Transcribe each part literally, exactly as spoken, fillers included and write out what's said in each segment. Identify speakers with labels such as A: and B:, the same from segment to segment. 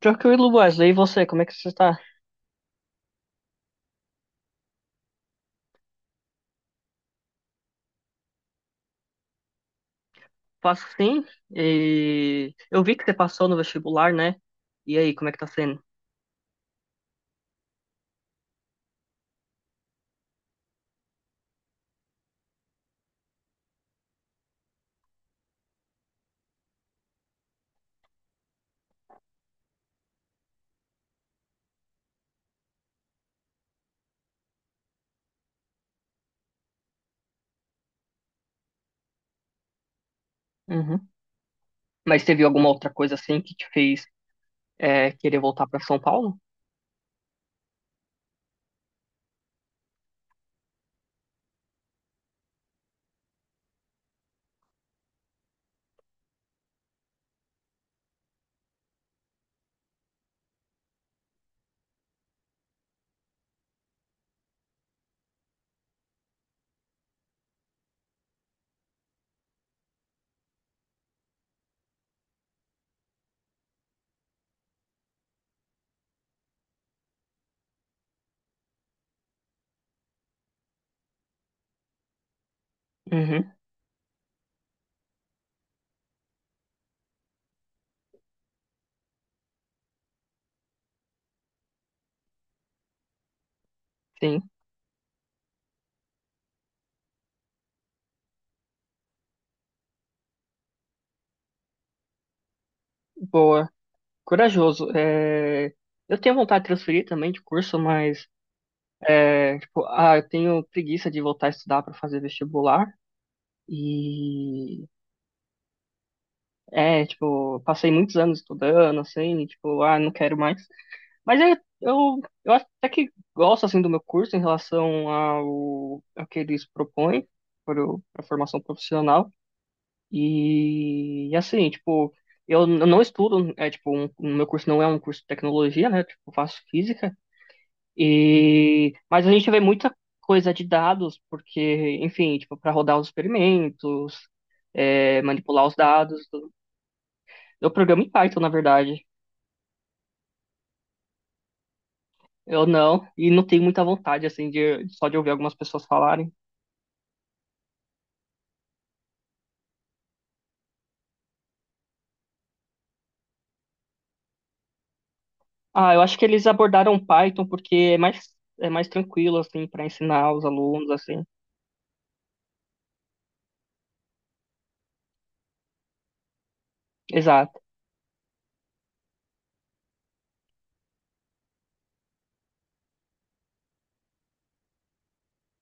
A: Tranquilo, Wesley. E você, como é que você está? Faço sim. E eu vi que você passou no vestibular, né? E aí, como é que tá sendo? Uhum. Mas teve alguma outra coisa assim que te fez é, querer voltar para São Paulo? Uhum. Sim. Boa. Corajoso. É, Eu tenho vontade de transferir também de curso, mas é, tipo, ah, eu tenho preguiça de voltar a estudar para fazer vestibular. E é, tipo, passei muitos anos estudando, assim, e, tipo, ah, não quero mais. Mas eu, eu, eu até que gosto assim do meu curso em relação ao, ao que eles propõem para o- para a formação profissional. E, assim, tipo, eu n- não estudo, é tipo, um, o meu curso não é um curso de tecnologia, né? Tipo, eu faço física. E, mas a gente vê muita coisa de dados, porque, enfim, tipo, para rodar os experimentos, é, manipular os dados, tudo. Eu programo em Python, na verdade. Eu não, e não tenho muita vontade, assim, de, só de ouvir algumas pessoas falarem. Ah, eu acho que eles abordaram Python porque é mais, é mais tranquilo, assim, para ensinar os alunos, assim. Exato.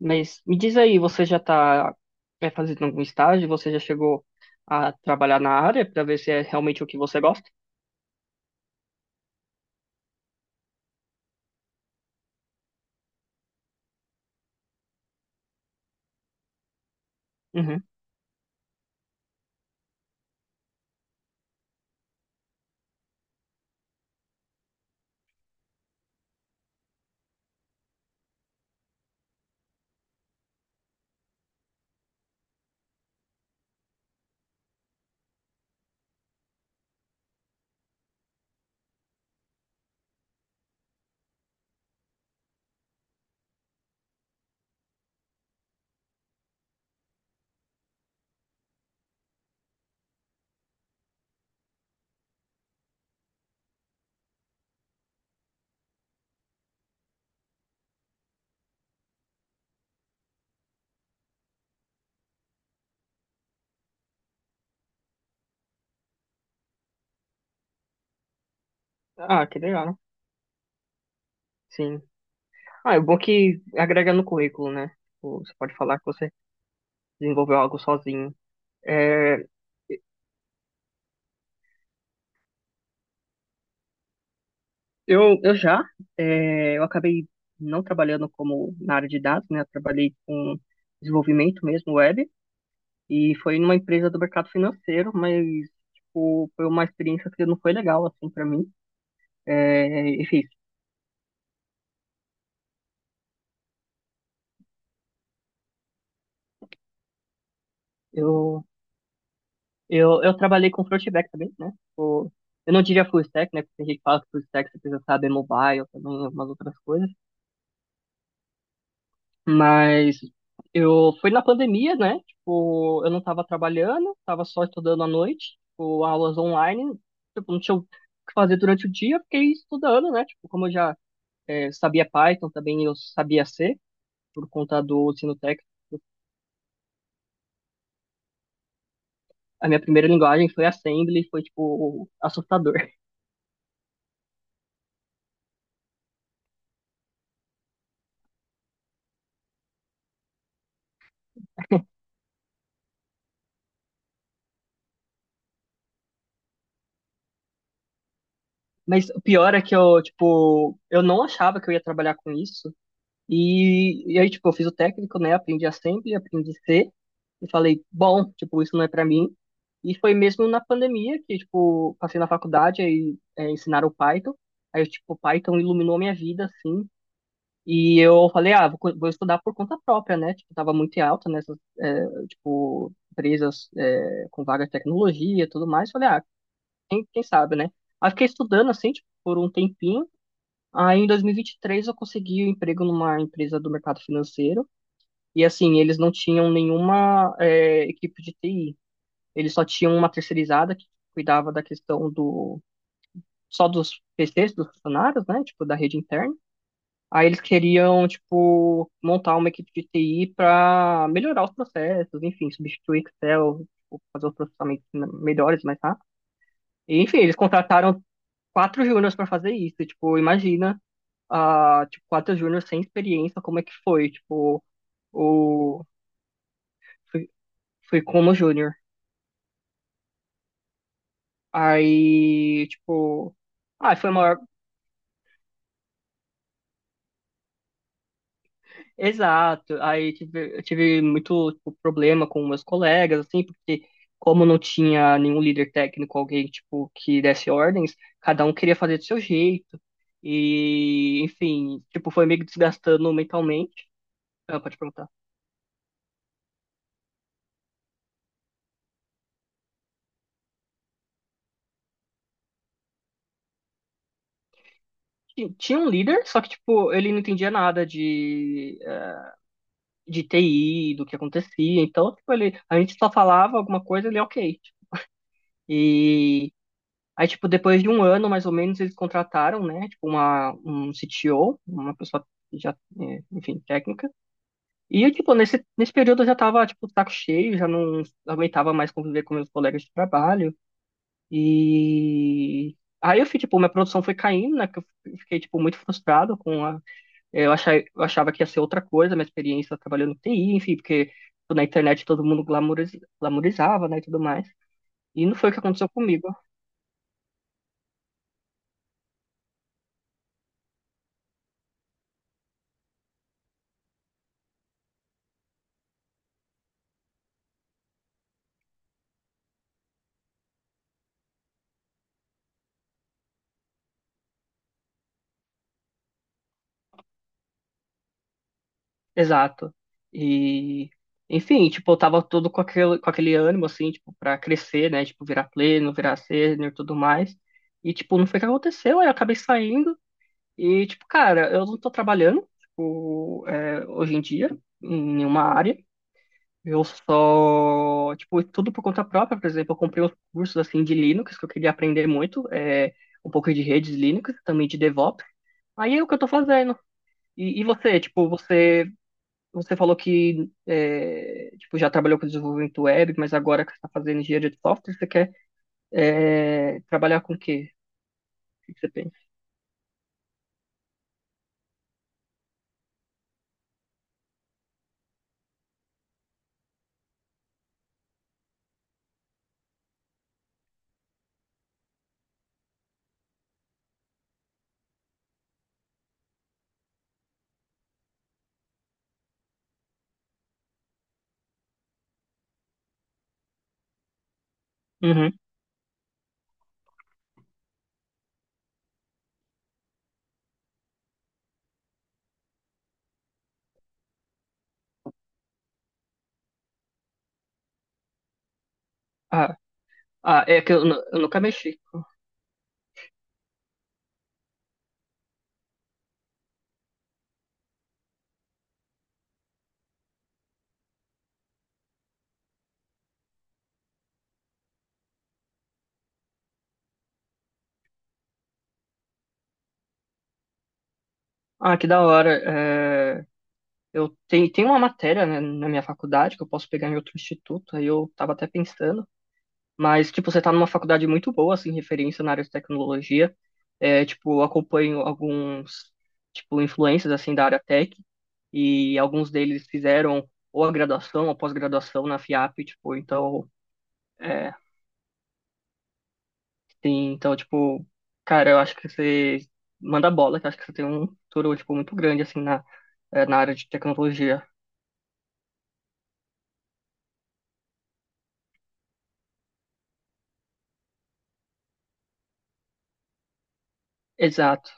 A: Mas me diz aí, você já está fazendo algum estágio? Você já chegou a trabalhar na área para ver se é realmente o que você gosta? Uhum. Ah, que legal. Sim. Ah, é bom que agrega no currículo, né? Tipo, você pode falar que você desenvolveu algo sozinho. É. Eu, eu já, é, eu acabei não trabalhando como na área de dados, né? Eu trabalhei com desenvolvimento mesmo, web, e foi numa empresa do mercado financeiro, mas, tipo, foi uma experiência que não foi legal, assim, para mim. É, enfim, eu, eu, eu trabalhei com front e back também, né? Tipo, eu não diria full stack, né? Porque tem gente que fala que full stack você precisa saber mobile também, algumas outras coisas. Mas eu foi na pandemia, né? Tipo, eu não tava trabalhando, tava só estudando à noite, tipo, aulas online, tipo, não tinha o que fazer durante o dia, fiquei estudando, né? Tipo, como eu já é, sabia Python, também eu sabia C, por conta do ensino técnico. A minha primeira linguagem foi Assembly, foi, tipo, assustador. Mas o pior é que eu, tipo, eu não achava que eu ia trabalhar com isso. E, e aí, tipo, eu fiz o técnico, né? Aprendi a assembly, aprendi a ser. E falei, bom, tipo, isso não é pra mim. E foi mesmo na pandemia que, tipo, passei na faculdade, aí é, ensinaram o Python. Aí, tipo, o Python iluminou minha vida, assim. E eu falei, ah, vou, co- vou estudar por conta própria, né? Tipo, tava muito em alta nessas, é, tipo, empresas é, com vaga de tecnologia e tudo mais. Falei, ah, quem, quem sabe, né? Aí fiquei estudando, assim, tipo, por um tempinho. Aí, em dois mil e vinte e três, eu consegui um emprego numa empresa do mercado financeiro. E, assim, eles não tinham nenhuma, é, equipe de T I. Eles só tinham uma terceirizada que cuidava da questão do... Só dos P Cs, dos funcionários, né? Tipo, da rede interna. Aí eles queriam, tipo, montar uma equipe de T I para melhorar os processos, enfim, substituir Excel, tipo, fazer os processamentos melhores, mais rápido. E, enfim, eles contrataram quatro júniors para fazer isso. Tipo, imagina a, tipo, quatro júnior sem experiência, como é que foi? Tipo, o... Fui, fui como júnior. Aí, tipo... Ah, foi maior... Exato. Aí tive, eu tive muito, tipo, problema com meus colegas, assim, porque como não tinha nenhum líder técnico, alguém, tipo, que desse ordens, cada um queria fazer do seu jeito. E, enfim, tipo, foi meio que desgastando mentalmente. Ah, pode perguntar. Tinha tinha um líder, só que, tipo, ele não entendia nada de de T I, do que acontecia. Então, tipo, ele, a gente só falava alguma coisa, ele, é ok. tipo. E aí, tipo, depois de um ano, mais ou menos, eles contrataram, né, tipo, uma, um C T O, uma pessoa já, é, enfim, técnica. E, eu, tipo, nesse, nesse período eu já tava, tipo, saco cheio, já não aguentava mais conviver com meus colegas de trabalho. E aí eu fui, tipo, minha produção foi caindo, né, que eu fiquei, tipo, muito frustrado com a é, Eu achava, eu achava que ia ser outra coisa, minha experiência trabalhando no T I, enfim, porque tipo, na internet todo mundo glamouris- glamourizava, né, e tudo mais. E não foi o que aconteceu comigo. Exato. E, enfim, tipo, eu tava todo com aquele, com aquele ânimo, assim, tipo, pra crescer, né, tipo, virar pleno, virar sênior e tudo mais. E, tipo, não foi o que aconteceu, aí eu acabei saindo e, tipo, cara, eu não tô trabalhando, tipo, é, hoje em dia, em nenhuma área. Eu só, tipo, tudo por conta própria, por exemplo, eu comprei uns cursos assim de Linux que eu queria aprender muito, é, um pouco de redes Linux, também de DevOps. Aí é o que eu tô fazendo. E, e você, tipo, você, você falou que é, tipo, já trabalhou com desenvolvimento web, mas agora que você está fazendo engenharia de software, você quer é, trabalhar com o quê? O que que você pensa? Uhum. Ah, ah, é que eu, nu- eu nunca mexi. Ah, que da hora. Eh, eu tenho, tem uma matéria, né, na minha faculdade que eu posso pegar em outro instituto, aí eu tava até pensando. Mas, tipo, você tá numa faculdade muito boa, assim, referência na área de tecnologia. É, tipo, eu acompanho alguns, tipo, influencers, assim, da área tech. E alguns deles fizeram ou a graduação ou pós-graduação na FIAP, tipo, então, é, tem, então, tipo, cara, eu acho que você manda bola, que eu acho que você tem um futuro, tipo, muito grande, assim, na, é, na área de tecnologia. Exato.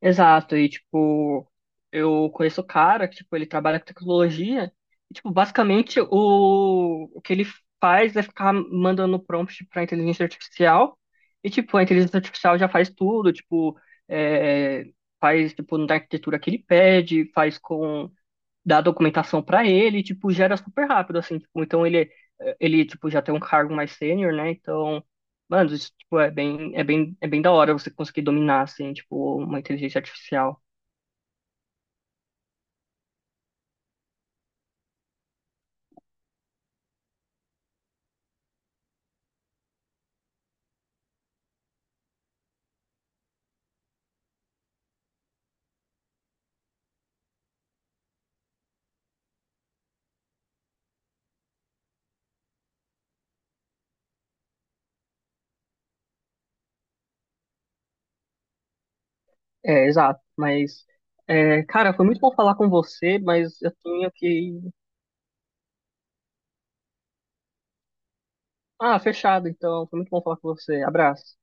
A: Exato, e tipo, eu conheço o cara que, tipo, ele trabalha com tecnologia, e, tipo, basicamente o, o que ele faz é ficar mandando prompt para inteligência artificial, e tipo, a inteligência artificial já faz tudo, tipo, é, faz tipo na arquitetura que ele pede, faz com dá a documentação para ele, tipo, gera super rápido, assim, tipo, então ele, ele, tipo, já tem um cargo mais sênior, né, então, mano, isso, tipo, é bem, é bem, é bem da hora você conseguir dominar, assim, tipo, uma inteligência artificial. É, exato, mas, é, cara, foi muito bom falar com você, mas eu tenho que... Ah, fechado, então, foi muito bom falar com você, abraço.